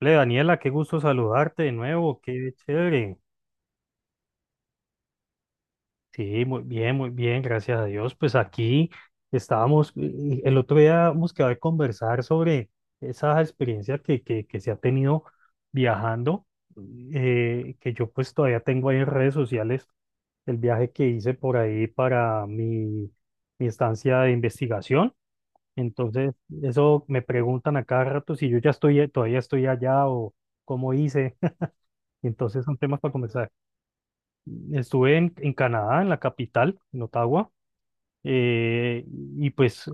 Hola, Daniela, qué gusto saludarte de nuevo, qué chévere. Sí, muy bien, gracias a Dios. Pues aquí estábamos, el otro día hemos quedado de conversar sobre esa experiencia que se ha tenido viajando, que yo pues todavía tengo ahí en redes sociales el viaje que hice por ahí para mi estancia de investigación. Entonces, eso me preguntan a cada rato si yo ya estoy, todavía estoy allá o cómo hice. Entonces son temas para conversar. Estuve en Canadá, en la capital, en Ottawa, eh, y pues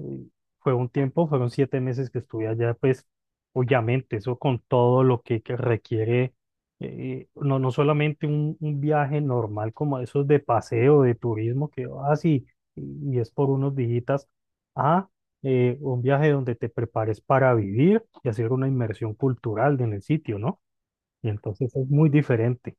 fue un tiempo, fueron 7 meses que estuve allá, pues obviamente eso con todo lo que requiere, no, no solamente un viaje normal como esos de paseo, de turismo, que así, y es por unos dígitas, a un viaje donde te prepares para vivir y hacer una inmersión cultural en el sitio, ¿no? Y entonces es muy diferente.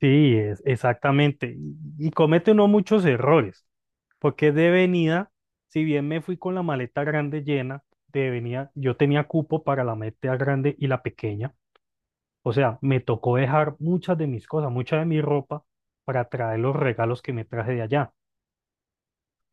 Sí, exactamente. Y comete uno muchos errores, porque de venida, si bien me fui con la maleta grande llena, de venida yo tenía cupo para la maleta grande y la pequeña. O sea, me tocó dejar muchas de mis cosas, mucha de mi ropa para traer los regalos que me traje de allá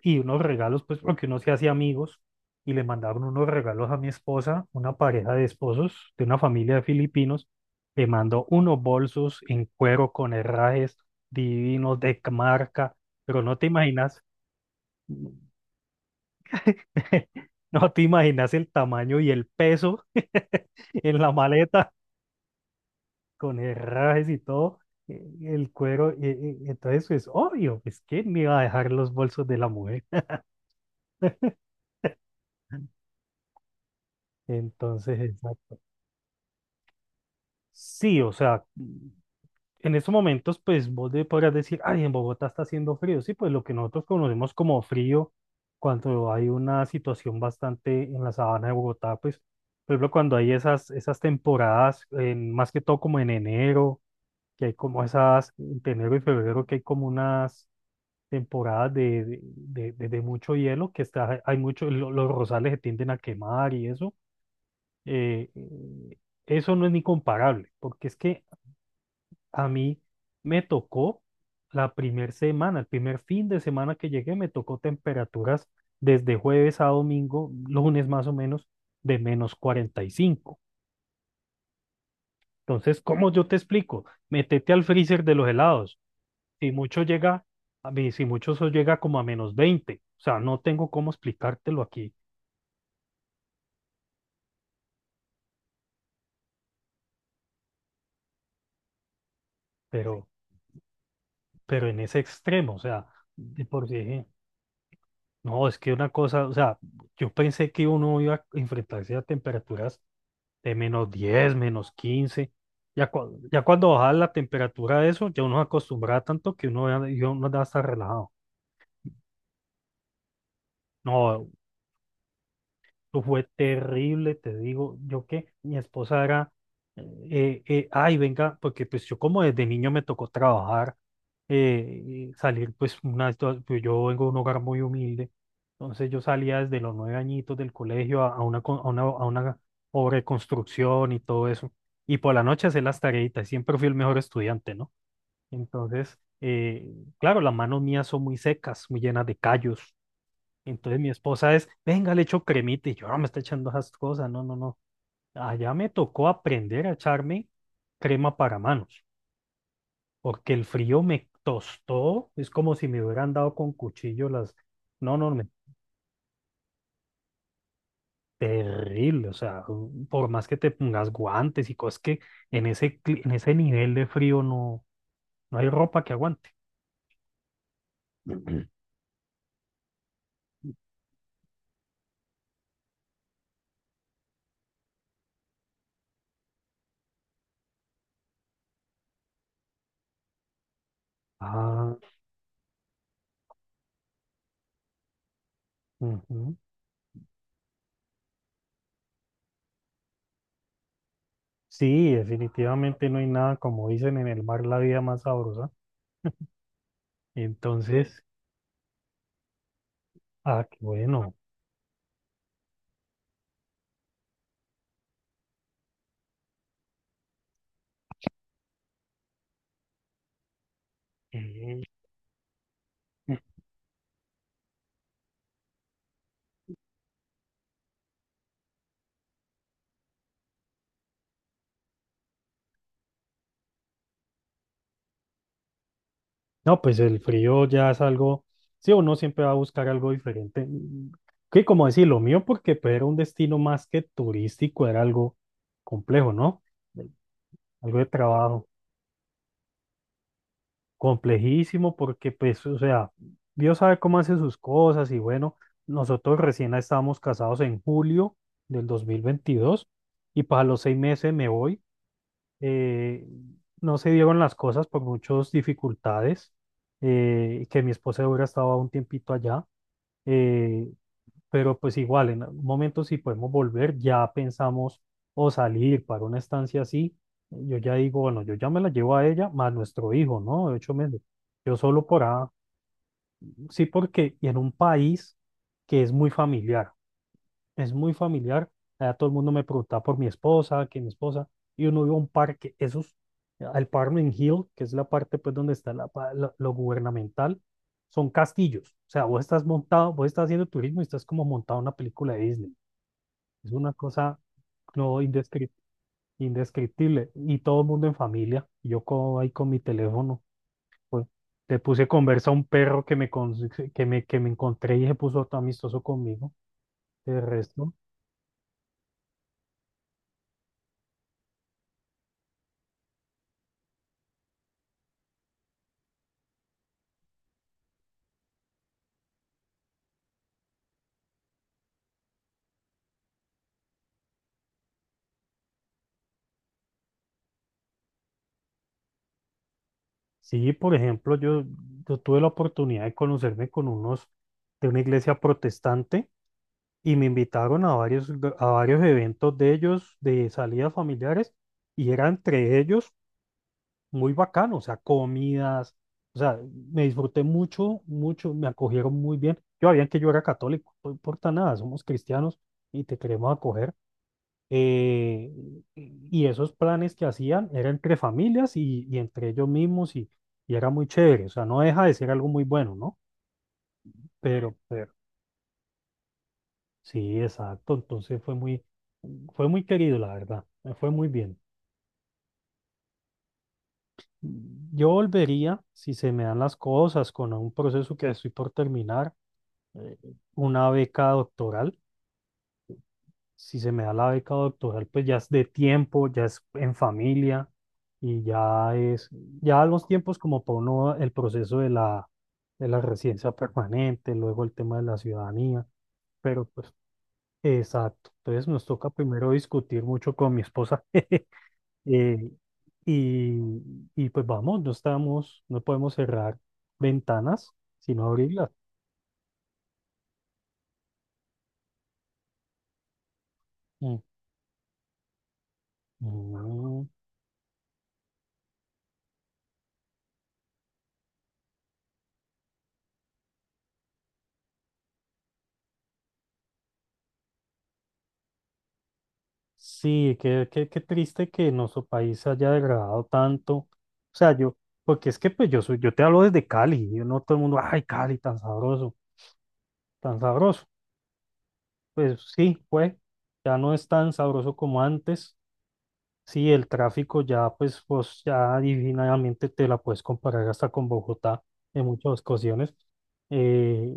y unos regalos, pues porque uno se hacía amigos y le mandaron unos regalos a mi esposa, una pareja de esposos de una familia de filipinos, le mandó unos bolsos en cuero con herrajes divinos de marca, pero no te imaginas, no te imaginas el tamaño y el peso en la maleta con herrajes y todo. El cuero, entonces es obvio, es que me iba a dejar los bolsos de la mujer. Entonces, sí, o sea, en estos momentos, pues vos podrás decir, ay, en Bogotá está haciendo frío. Sí, pues lo que nosotros conocemos como frío, cuando hay una situación bastante en la sabana de Bogotá, pues, por ejemplo, cuando hay esas temporadas, más que todo como en enero, que hay como esas, entre enero y febrero, que hay como unas temporadas de mucho hielo, que está, hay mucho, los rosales se tienden a quemar y eso. eh, eh, eso no es ni comparable, porque es que a mí me tocó la primer semana, el primer fin de semana que llegué, me tocó temperaturas desde jueves a domingo, lunes más o menos, de -45. Entonces, ¿cómo yo te explico? Métete al freezer de los helados. Si mucho llega, a mí, si mucho eso llega como a -20. O sea, no tengo cómo explicártelo aquí, pero, pero en ese extremo, o sea, de por sí, no, es que una cosa, o sea, yo pensé que uno iba a enfrentarse a temperaturas de -10, -15. Ya, ya cuando baja la temperatura de eso, ya uno se acostumbra tanto que uno ya está relajado. No, fue terrible, te digo, yo que mi esposa era, ay, venga, porque pues yo como desde niño me tocó trabajar, y salir pues pues, yo vengo de un hogar muy humilde, entonces yo salía desde los 9 añitos del colegio a una, con- a una obra de construcción y todo eso, y por la noche hacer las tareitas, siempre fui el mejor estudiante, ¿no? Entonces, claro, las manos mías son muy secas, muy llenas de callos, entonces mi esposa es, venga, le echo cremita y yo no me está echando esas cosas, no, no, no. Allá me tocó aprender a echarme crema para manos, porque el frío me tostó, es como si me hubieran dado con cuchillo las. No, no, terrible, o sea, por más que te pongas guantes y cosas que en ese nivel de frío no, no hay ropa que aguante. Ah, ujú. Sí, definitivamente no hay nada, como dicen en el mar, la vida más sabrosa. Entonces. Ah, qué bueno. Mm. Mm. No, pues el frío ya es algo, sí, uno siempre va a buscar algo diferente. Que como decir, lo mío, porque pues, era un destino más que turístico, era algo complejo, ¿no? De- Algo de trabajo, complejísimo, porque pues, o sea, Dios sabe cómo hace sus cosas y bueno, nosotros recién estábamos casados en julio del 2022 y para los 6 meses me voy. eh, no se dieron las cosas por muchas dificultades, y que mi esposa hubiera estado un tiempito allá, eh, pero pues igual, en algún momento si podemos volver, ya pensamos o salir para una estancia así, yo ya digo, bueno, yo ya me la llevo a ella, más nuestro hijo, ¿no? De 8 meses. Yo solo por ahora, sí porque, y en un país que es muy familiar es muy familiar. Allá todo el mundo me preguntaba por mi esposa, que mi esposa, y uno iba a un parque, esos, al Parmen Hill, que es la parte pues donde está lo gubernamental, son castillos. O sea, vos estás montado, vos estás haciendo turismo y estás como montado en una película de Disney. Es una cosa no indescriptible. Y todo el mundo en familia, y yo ahí con mi teléfono, pues le puse conversa a un perro que me, que me encontré y se puso todo amistoso conmigo. De resto. Sí, por ejemplo, yo tuve la oportunidad de conocerme con unos de una iglesia protestante y me invitaron a a varios eventos de ellos, de salidas familiares, y era entre ellos muy bacano, o sea, comidas, o sea, me disfruté mucho, mucho, me acogieron muy bien. Yo sabían que yo era católico, no importa nada, somos cristianos y te queremos acoger, eh, y esos planes que hacían eran entre familias y entre ellos mismos y era muy chévere, o sea, no deja de ser algo muy bueno, ¿no? Pero sí, exacto, entonces fue muy querido, la verdad, me fue muy bien. Yo volvería, si se me dan las cosas, con un proceso que estoy por terminar, eh, una beca doctoral si se me da la beca doctoral, pues ya es de tiempo, ya es en familia y ya es, ya los tiempos como para uno, el proceso de la residencia permanente, luego el tema de la ciudadanía, pero pues, exacto. Entonces nos toca primero discutir mucho con mi esposa. eh, y, y pues vamos, no estamos, no podemos cerrar ventanas, sino abrirlas. Mm. Mm. Sí, qué triste que nuestro país se haya degradado tanto. O sea, yo, porque es que pues yo soy, yo te hablo desde Cali, yo no todo el mundo, ay, Cali, tan sabroso, tan sabroso. Pues sí, pues, ya no es tan sabroso como antes. Sí, el tráfico ya, pues ya divinamente te la puedes comparar hasta con Bogotá en muchas ocasiones. Eh,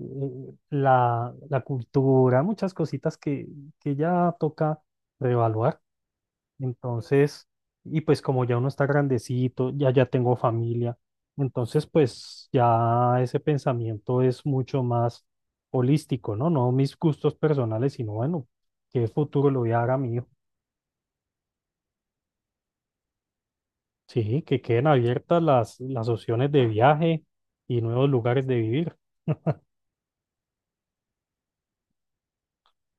la cultura, muchas cositas que ya toca reevaluar. Entonces, y pues como ya uno está grandecito, ya tengo familia, entonces pues ya ese pensamiento es mucho más holístico, ¿no? No mis gustos personales, sino bueno, qué futuro le voy a dar a mi hijo. Sí, que queden abiertas las opciones de viaje y nuevos lugares de vivir.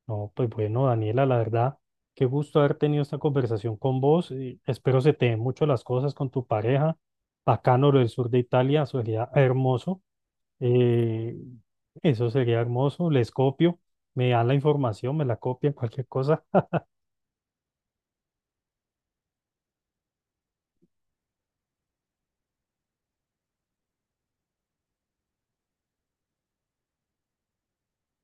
No, pues bueno, Daniela, la verdad, qué gusto haber tenido esta conversación con vos. Y espero se te den mucho las cosas con tu pareja. Bacano lo del sur de Italia, sería hermoso. Eh, eso sería hermoso, les copio, me dan la información, me la copian, cualquier cosa.